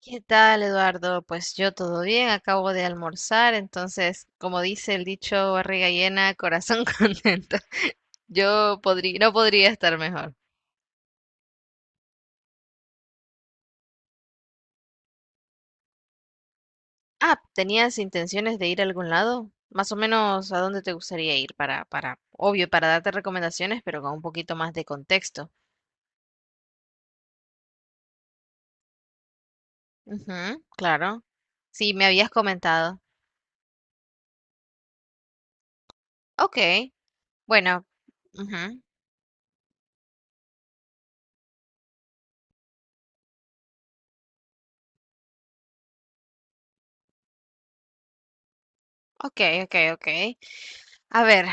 ¿Qué tal, Eduardo? Pues yo todo bien, acabo de almorzar, entonces, como dice el dicho, barriga llena, corazón contento. Yo no podría estar mejor. Ah, ¿tenías intenciones de ir a algún lado? Más o menos, ¿a dónde te gustaría ir? Obvio, para darte recomendaciones, pero con un poquito más de contexto. Ujú, claro. Sí, me habías comentado. Ok, bueno. Ujú. Ok, ok, ok. A ver,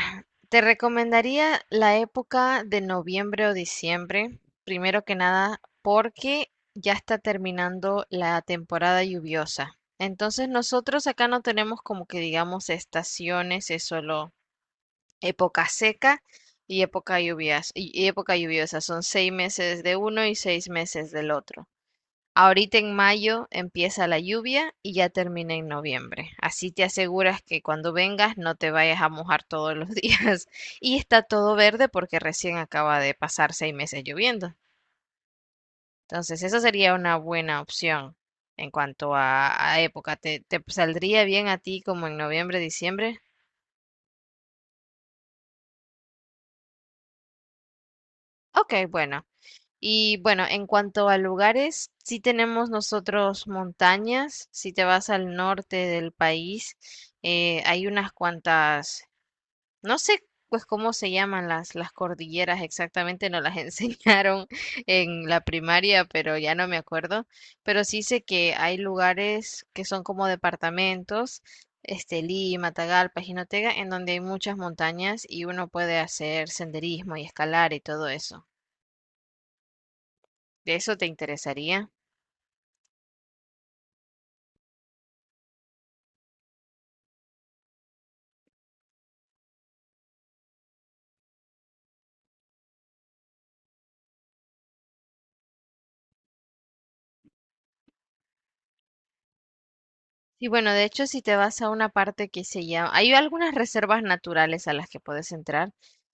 te recomendaría la época de noviembre o diciembre, primero que nada, porque ya está terminando la temporada lluviosa. Entonces nosotros acá no tenemos como que digamos estaciones, es solo época seca y época lluvias, y época lluviosa. Son 6 meses de uno y 6 meses del otro. Ahorita en mayo empieza la lluvia y ya termina en noviembre. Así te aseguras que cuando vengas no te vayas a mojar todos los días. Y está todo verde porque recién acaba de pasar 6 meses lloviendo. Entonces, esa sería una buena opción en cuanto a época. ¿Te, te saldría bien a ti como en noviembre, diciembre? Ok, bueno. Y bueno, en cuanto a lugares, sí tenemos nosotros montañas. Si te vas al norte del país, hay unas cuantas, no sé pues cómo se llaman las cordilleras exactamente, no las enseñaron en la primaria, pero ya no me acuerdo. Pero sí sé que hay lugares que son como departamentos, Estelí, Matagalpa, Jinotega, en donde hay muchas montañas y uno puede hacer senderismo y escalar y todo eso. ¿De eso te interesaría? Y bueno, de hecho, si te vas a una parte que se llama, hay algunas reservas naturales a las que puedes entrar.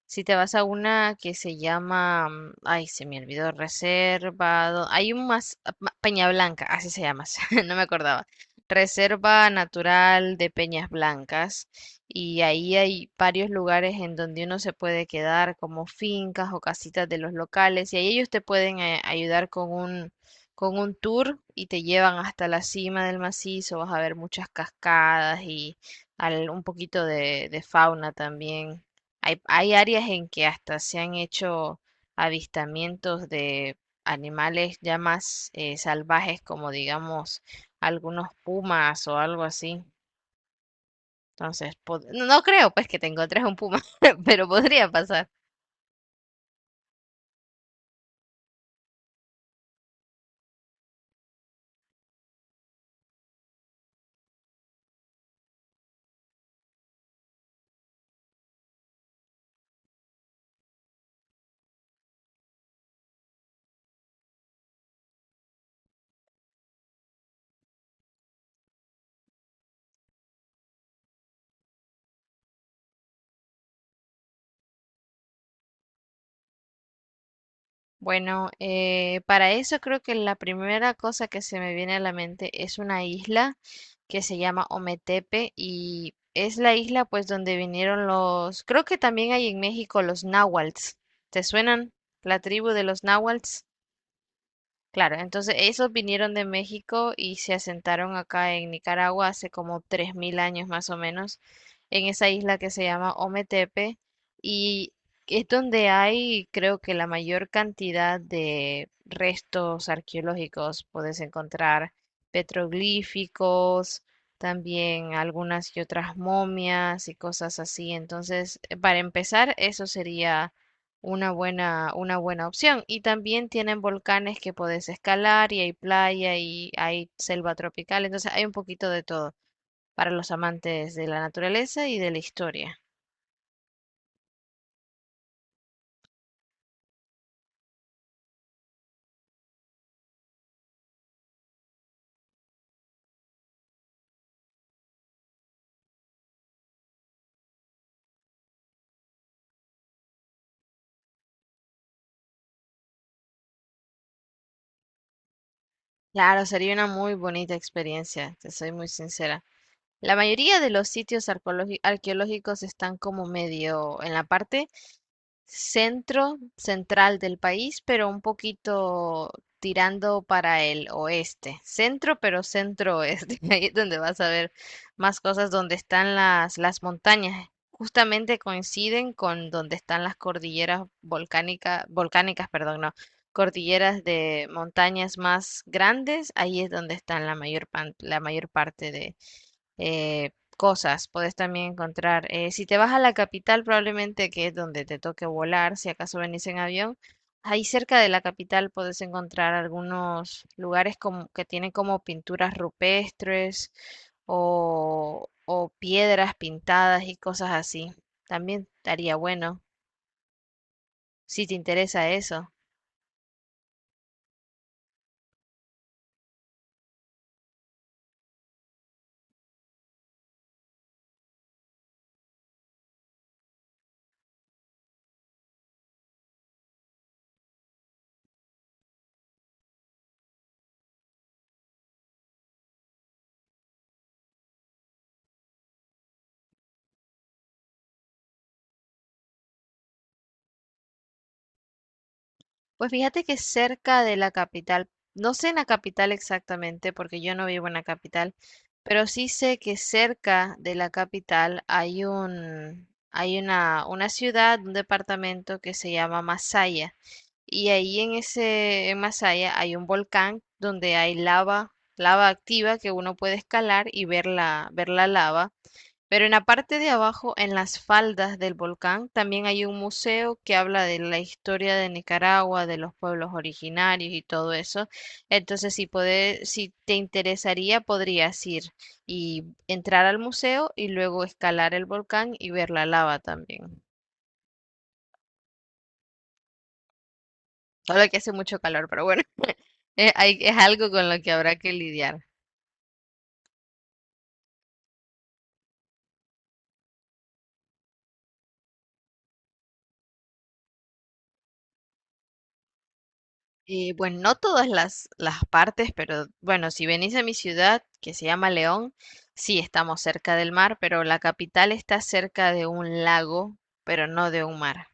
Si te vas a una que se llama, ay, se me olvidó, reservado, hay un más, ah, Peña Blanca, así se llama, no me acordaba. Reserva Natural de Peñas Blancas. Y ahí hay varios lugares en donde uno se puede quedar, como fincas o casitas de los locales, y ahí ellos te pueden ayudar con un tour y te llevan hasta la cima del macizo, vas a ver muchas cascadas y un poquito de fauna también. Hay áreas en que hasta se han hecho avistamientos de animales ya más salvajes, como digamos algunos pumas o algo así. Entonces, no creo pues que te encontres un puma, pero podría pasar. Bueno, para eso creo que la primera cosa que se me viene a la mente es una isla que se llama Ometepe y es la isla pues donde vinieron los, creo que también hay en México los náhuatls. ¿Te suenan? La tribu de los náhuatls. Claro, entonces esos vinieron de México y se asentaron acá en Nicaragua hace como 3000 años más o menos, en esa isla que se llama Ometepe, y es donde hay creo que la mayor cantidad de restos arqueológicos. Puedes encontrar petroglíficos, también algunas y otras momias y cosas así. Entonces, para empezar, eso sería una buena opción. Y también tienen volcanes que podés escalar y hay playa y hay selva tropical. Entonces hay un poquito de todo para los amantes de la naturaleza y de la historia. Claro, sería una muy bonita experiencia, te soy muy sincera. La mayoría de los sitios arqueológicos están como medio en la parte centro central del país, pero un poquito tirando para el oeste. Centro, pero centro oeste. Ahí es donde vas a ver más cosas, donde están las montañas. Justamente coinciden con donde están las cordilleras volcánicas, volcánicas, perdón, no, cordilleras de montañas más grandes. Ahí es donde están la mayor, la mayor parte de eh, cosas puedes también encontrar. Si te vas a la capital, probablemente que es donde te toque volar, si acaso venís en avión, ahí cerca de la capital puedes encontrar algunos lugares como, que tienen como pinturas rupestres o piedras pintadas y cosas así. También estaría bueno, si te interesa eso. Pues fíjate que cerca de la capital, no sé en la capital exactamente, porque yo no vivo en la capital, pero sí sé que cerca de la capital hay un, hay una ciudad, un departamento que se llama Masaya. Y ahí en ese, en Masaya hay un volcán donde hay lava, lava activa que uno puede escalar y ver la lava. Pero en la parte de abajo, en las faldas del volcán, también hay un museo que habla de la historia de Nicaragua, de los pueblos originarios y todo eso. Entonces, si te interesaría, podrías ir y entrar al museo y luego escalar el volcán y ver la lava también. Solo que hace mucho calor, pero bueno, es, es algo con lo que habrá que lidiar. Bueno, no todas las partes, pero bueno, si venís a mi ciudad, que se llama León, sí estamos cerca del mar, pero la capital está cerca de un lago, pero no de un mar.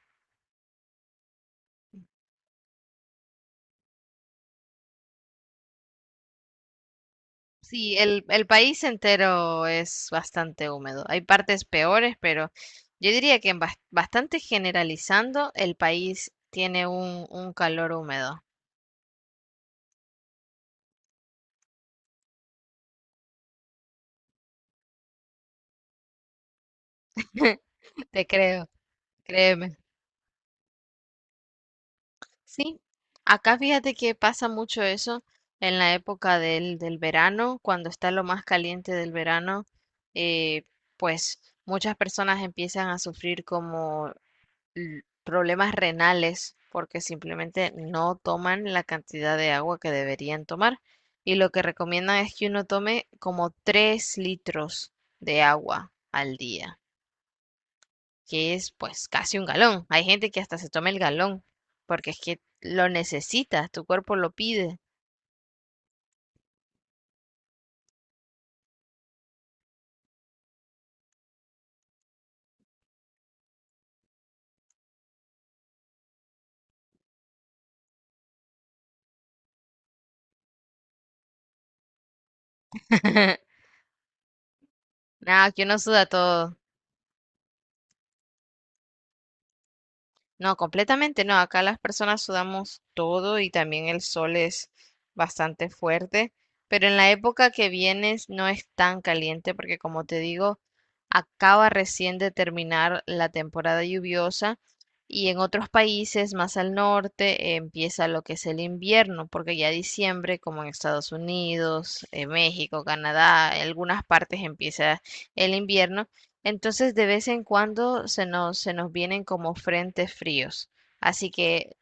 Sí, el país entero es bastante húmedo. Hay partes peores, pero yo diría que en bastante generalizando, el país tiene un calor húmedo. Te creo, créeme. Sí, acá fíjate que pasa mucho eso en la época del, del verano, cuando está lo más caliente del verano, eh, pues muchas personas empiezan a sufrir como problemas renales porque simplemente no toman la cantidad de agua que deberían tomar. Y lo que recomiendan es que uno tome como 3 litros de agua al día que es pues casi un galón. Hay gente que hasta se toma el galón, porque es que lo necesitas, tu cuerpo lo pide. Nada, que uno suda todo. No, completamente no. Acá las personas sudamos todo y también el sol es bastante fuerte, pero en la época que vienes no es tan caliente porque como te digo, acaba recién de terminar la temporada lluviosa y en otros países más al norte empieza lo que es el invierno, porque ya diciembre, como en Estados Unidos, México, Canadá, en algunas partes empieza el invierno entonces de vez en cuando se nos vienen como frentes fríos. Así que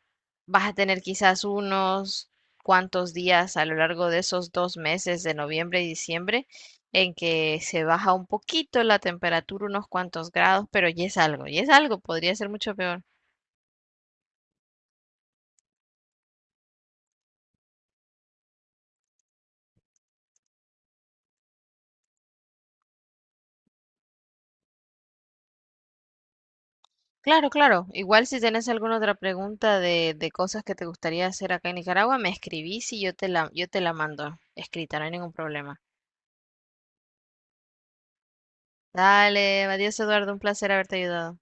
vas a tener quizás unos cuantos días a lo largo de esos 2 meses de noviembre y diciembre en que se baja un poquito la temperatura, unos cuantos grados, pero ya es algo, podría ser mucho peor. Claro, claro. Igual si tienes alguna otra pregunta de cosas que te gustaría hacer acá en Nicaragua, me escribís y yo te la mando escrita, no hay ningún problema. Dale, adiós Eduardo, un placer haberte ayudado.